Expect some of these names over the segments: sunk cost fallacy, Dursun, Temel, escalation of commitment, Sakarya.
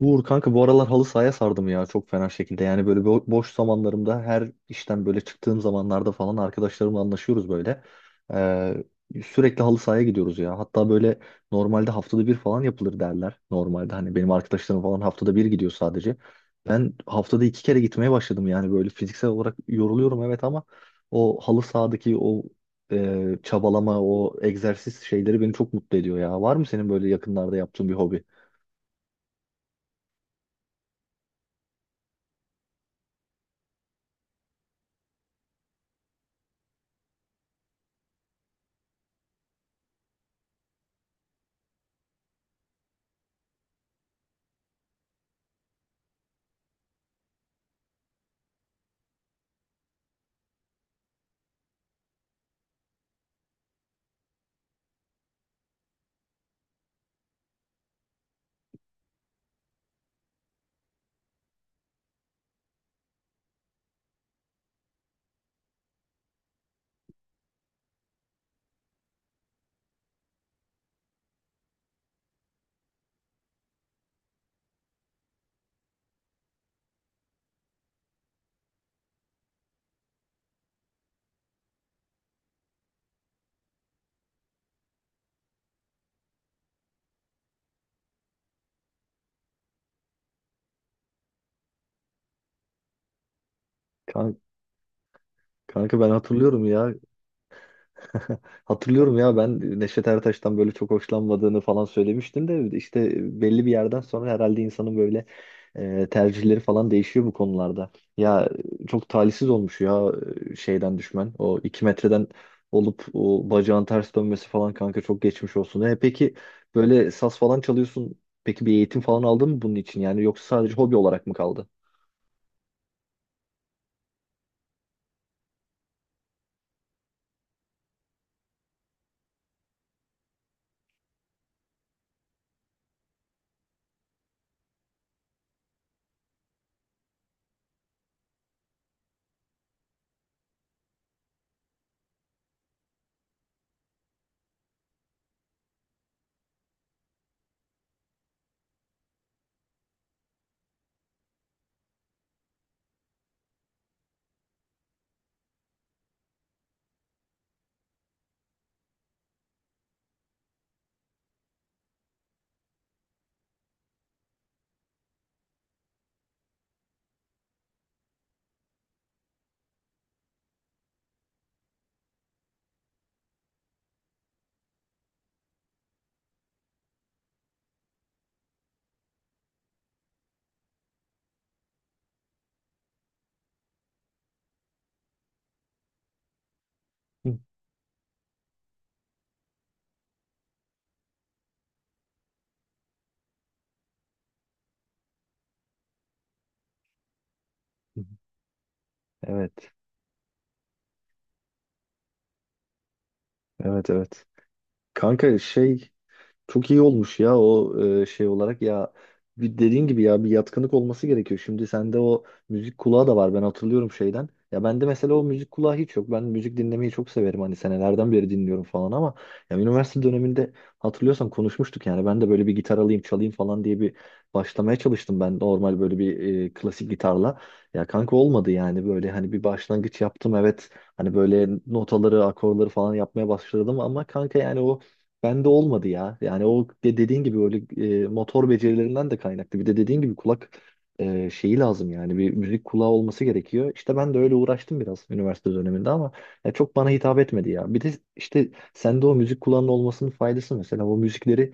Uğur kanka bu aralar halı sahaya sardım ya çok fena şekilde. Yani böyle boş zamanlarımda her işten böyle çıktığım zamanlarda falan arkadaşlarımla anlaşıyoruz böyle. Sürekli halı sahaya gidiyoruz ya. Hatta böyle normalde haftada bir falan yapılır derler. Normalde hani benim arkadaşlarım falan haftada bir gidiyor sadece. Ben haftada 2 kere gitmeye başladım, yani böyle fiziksel olarak yoruluyorum, evet, ama o halı sahadaki o çabalama, o egzersiz şeyleri beni çok mutlu ediyor ya. Var mı senin böyle yakınlarda yaptığın bir hobi? Kanka ben hatırlıyorum ya. Hatırlıyorum ya, ben Neşet Ertaş'tan böyle çok hoşlanmadığını falan söylemiştin de işte belli bir yerden sonra herhalde insanın böyle tercihleri falan değişiyor bu konularda. Ya çok talihsiz olmuş ya şeyden düşmen. O 2 metreden olup o bacağın ters dönmesi falan, kanka, çok geçmiş olsun. Peki böyle saz falan çalıyorsun. Peki bir eğitim falan aldın mı bunun için? Yani yoksa sadece hobi olarak mı kaldı? Hı. Evet. Evet, evet. Kanka şey, çok iyi olmuş ya o şey olarak ya, bir dediğin gibi ya, bir yatkınlık olması gerekiyor. Şimdi sende o müzik kulağı da var, ben hatırlıyorum şeyden. Ya bende mesela o müzik kulağı hiç yok. Ben müzik dinlemeyi çok severim, hani senelerden beri dinliyorum falan, ama ya üniversite döneminde hatırlıyorsan konuşmuştuk, yani ben de böyle bir gitar alayım çalayım falan diye bir başlamaya çalıştım, ben normal böyle bir klasik gitarla. Ya kanka olmadı yani, böyle hani bir başlangıç yaptım evet, hani böyle notaları akorları falan yapmaya başladım ama kanka yani o bende olmadı ya. Yani o de dediğin gibi, öyle motor becerilerinden de kaynaklı. Bir de dediğin gibi kulak şeyi lazım, yani bir müzik kulağı olması gerekiyor. İşte ben de öyle uğraştım biraz üniversite döneminde ama ya çok bana hitap etmedi ya. Bir de işte sende o müzik kulağının olmasının faydası, mesela o müzikleri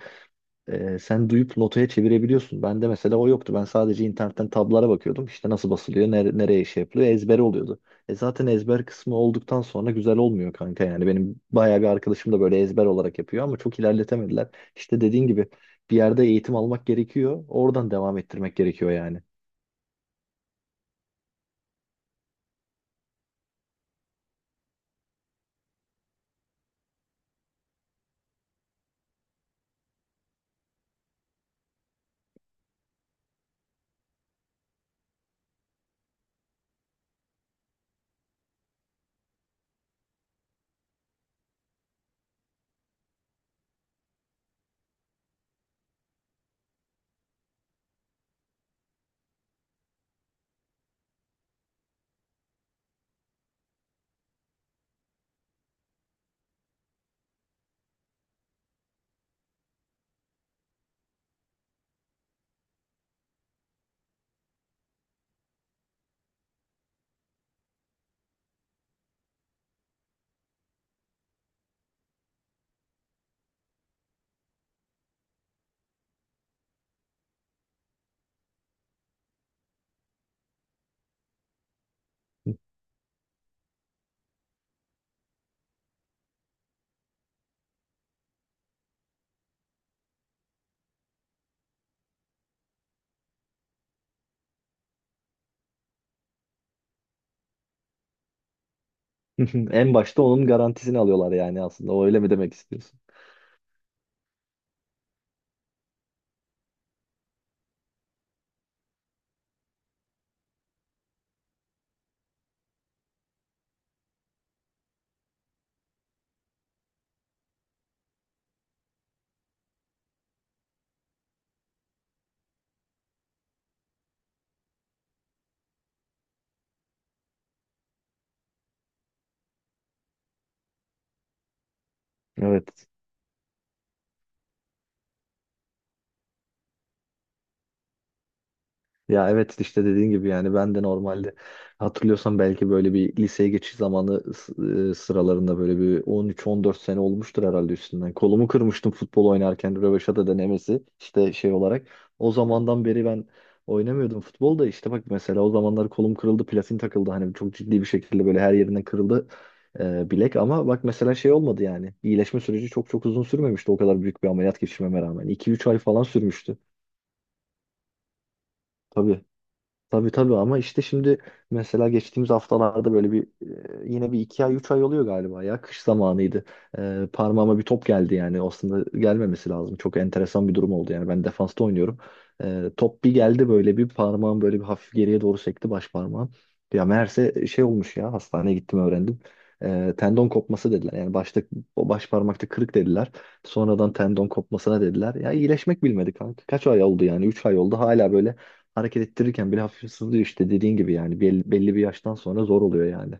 sen duyup notaya çevirebiliyorsun. Bende mesela o yoktu. Ben sadece internetten tablara bakıyordum. İşte nasıl basılıyor, nereye şey yapılıyor, ezber oluyordu. E zaten ezber kısmı olduktan sonra güzel olmuyor kanka yani. Benim bayağı bir arkadaşım da böyle ezber olarak yapıyor ama çok ilerletemediler. İşte dediğin gibi bir yerde eğitim almak gerekiyor. Oradan devam ettirmek gerekiyor yani. En başta onun garantisini alıyorlar yani aslında. O öyle mi demek istiyorsun? Evet. Ya evet, işte dediğin gibi, yani ben de normalde, hatırlıyorsan, belki böyle bir liseye geçiş zamanı sıralarında, böyle bir 13-14 sene olmuştur herhalde üstünden. Kolumu kırmıştım futbol oynarken, röveşata denemesi işte şey olarak. O zamandan beri ben oynamıyordum futbol da, işte bak mesela o zamanlar kolum kırıldı, platin takıldı, hani çok ciddi bir şekilde böyle her yerinden kırıldı bilek, ama bak mesela şey olmadı yani, iyileşme süreci çok çok uzun sürmemişti, o kadar büyük bir ameliyat geçirmeme rağmen 2-3 ay falan sürmüştü. Tabii. Tabii, tabii, ama işte şimdi mesela geçtiğimiz haftalarda böyle bir yine bir iki ay üç ay oluyor galiba, ya kış zamanıydı. Parmağıma bir top geldi, yani aslında gelmemesi lazım. Çok enteresan bir durum oldu yani, ben defansta oynuyorum. Top bir geldi böyle, bir parmağım böyle bir hafif geriye doğru sekti, baş parmağım. Ya meğerse şey olmuş ya, hastaneye gittim öğrendim. Tendon kopması dediler, yani başta o baş parmakta kırık dediler. Sonradan tendon kopmasına dediler. Ya iyileşmek bilmedi kanka. Kaç ay oldu, yani 3 ay oldu, hala böyle hareket ettirirken bile hafif sızlıyor, işte dediğin gibi yani belli bir yaştan sonra zor oluyor yani.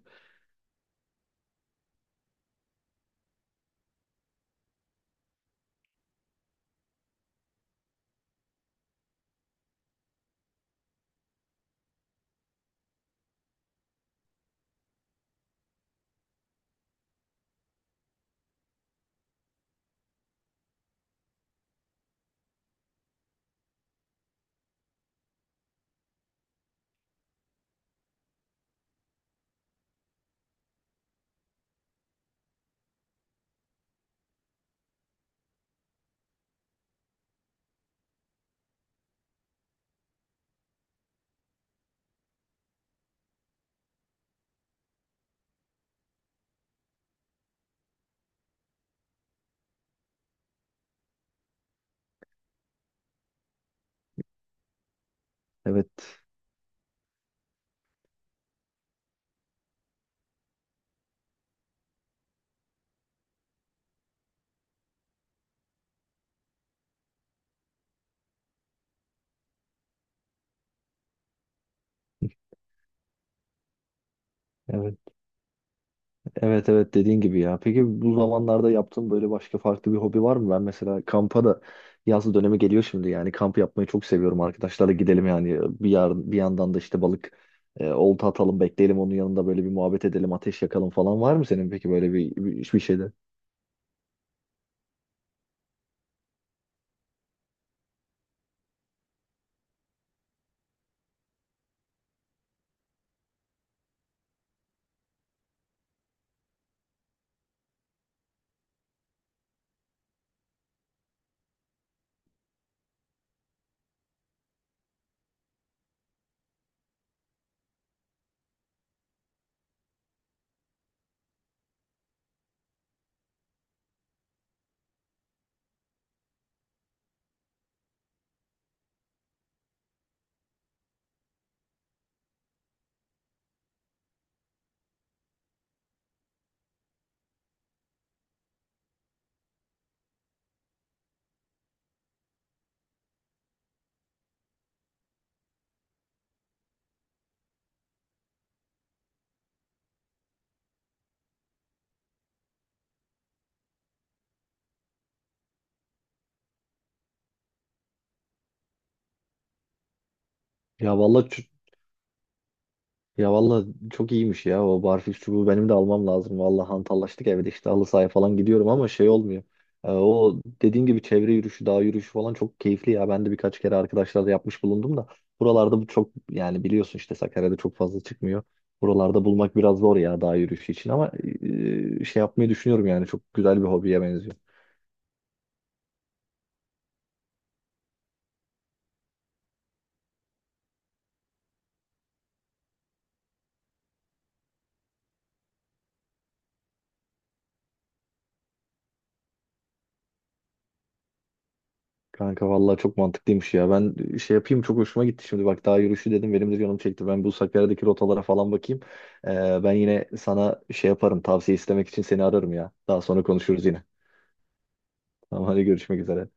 Evet. Evet, evet, evet dediğin gibi ya. Peki bu zamanlarda yaptığın böyle başka farklı bir hobi var mı? Ben mesela kampa da, yaz dönemi geliyor şimdi, yani kamp yapmayı çok seviyorum. Arkadaşlarla gidelim yani bir yarın bir yandan da işte balık olta atalım, bekleyelim, onun yanında böyle bir muhabbet edelim, ateş yakalım falan. Var mı senin peki böyle bir şeyler? Ya vallahi çü- ya vallahi çok iyiymiş ya o barfiks çubuğu, benim de almam lazım. Vallahi hantallaştık evde, işte halı sahaya falan gidiyorum ama şey olmuyor. O dediğin gibi çevre yürüyüşü, dağ yürüyüşü falan çok keyifli ya. Ben de birkaç kere arkadaşlarla yapmış bulundum da buralarda bu çok, yani biliyorsun işte Sakarya'da çok fazla çıkmıyor. Buralarda bulmak biraz zor ya dağ yürüyüşü için, ama şey yapmayı düşünüyorum, yani çok güzel bir hobiye benziyor. Kanka vallahi çok mantıklıymış ya. Ben şey yapayım, çok hoşuma gitti şimdi. Bak, daha yürüyüşü dedim, benim de canım çekti. Ben bu Sakarya'daki rotalara falan bakayım. Ben yine sana şey yaparım, tavsiye istemek için seni ararım ya. Daha sonra konuşuruz yine. Tamam, hadi görüşmek üzere.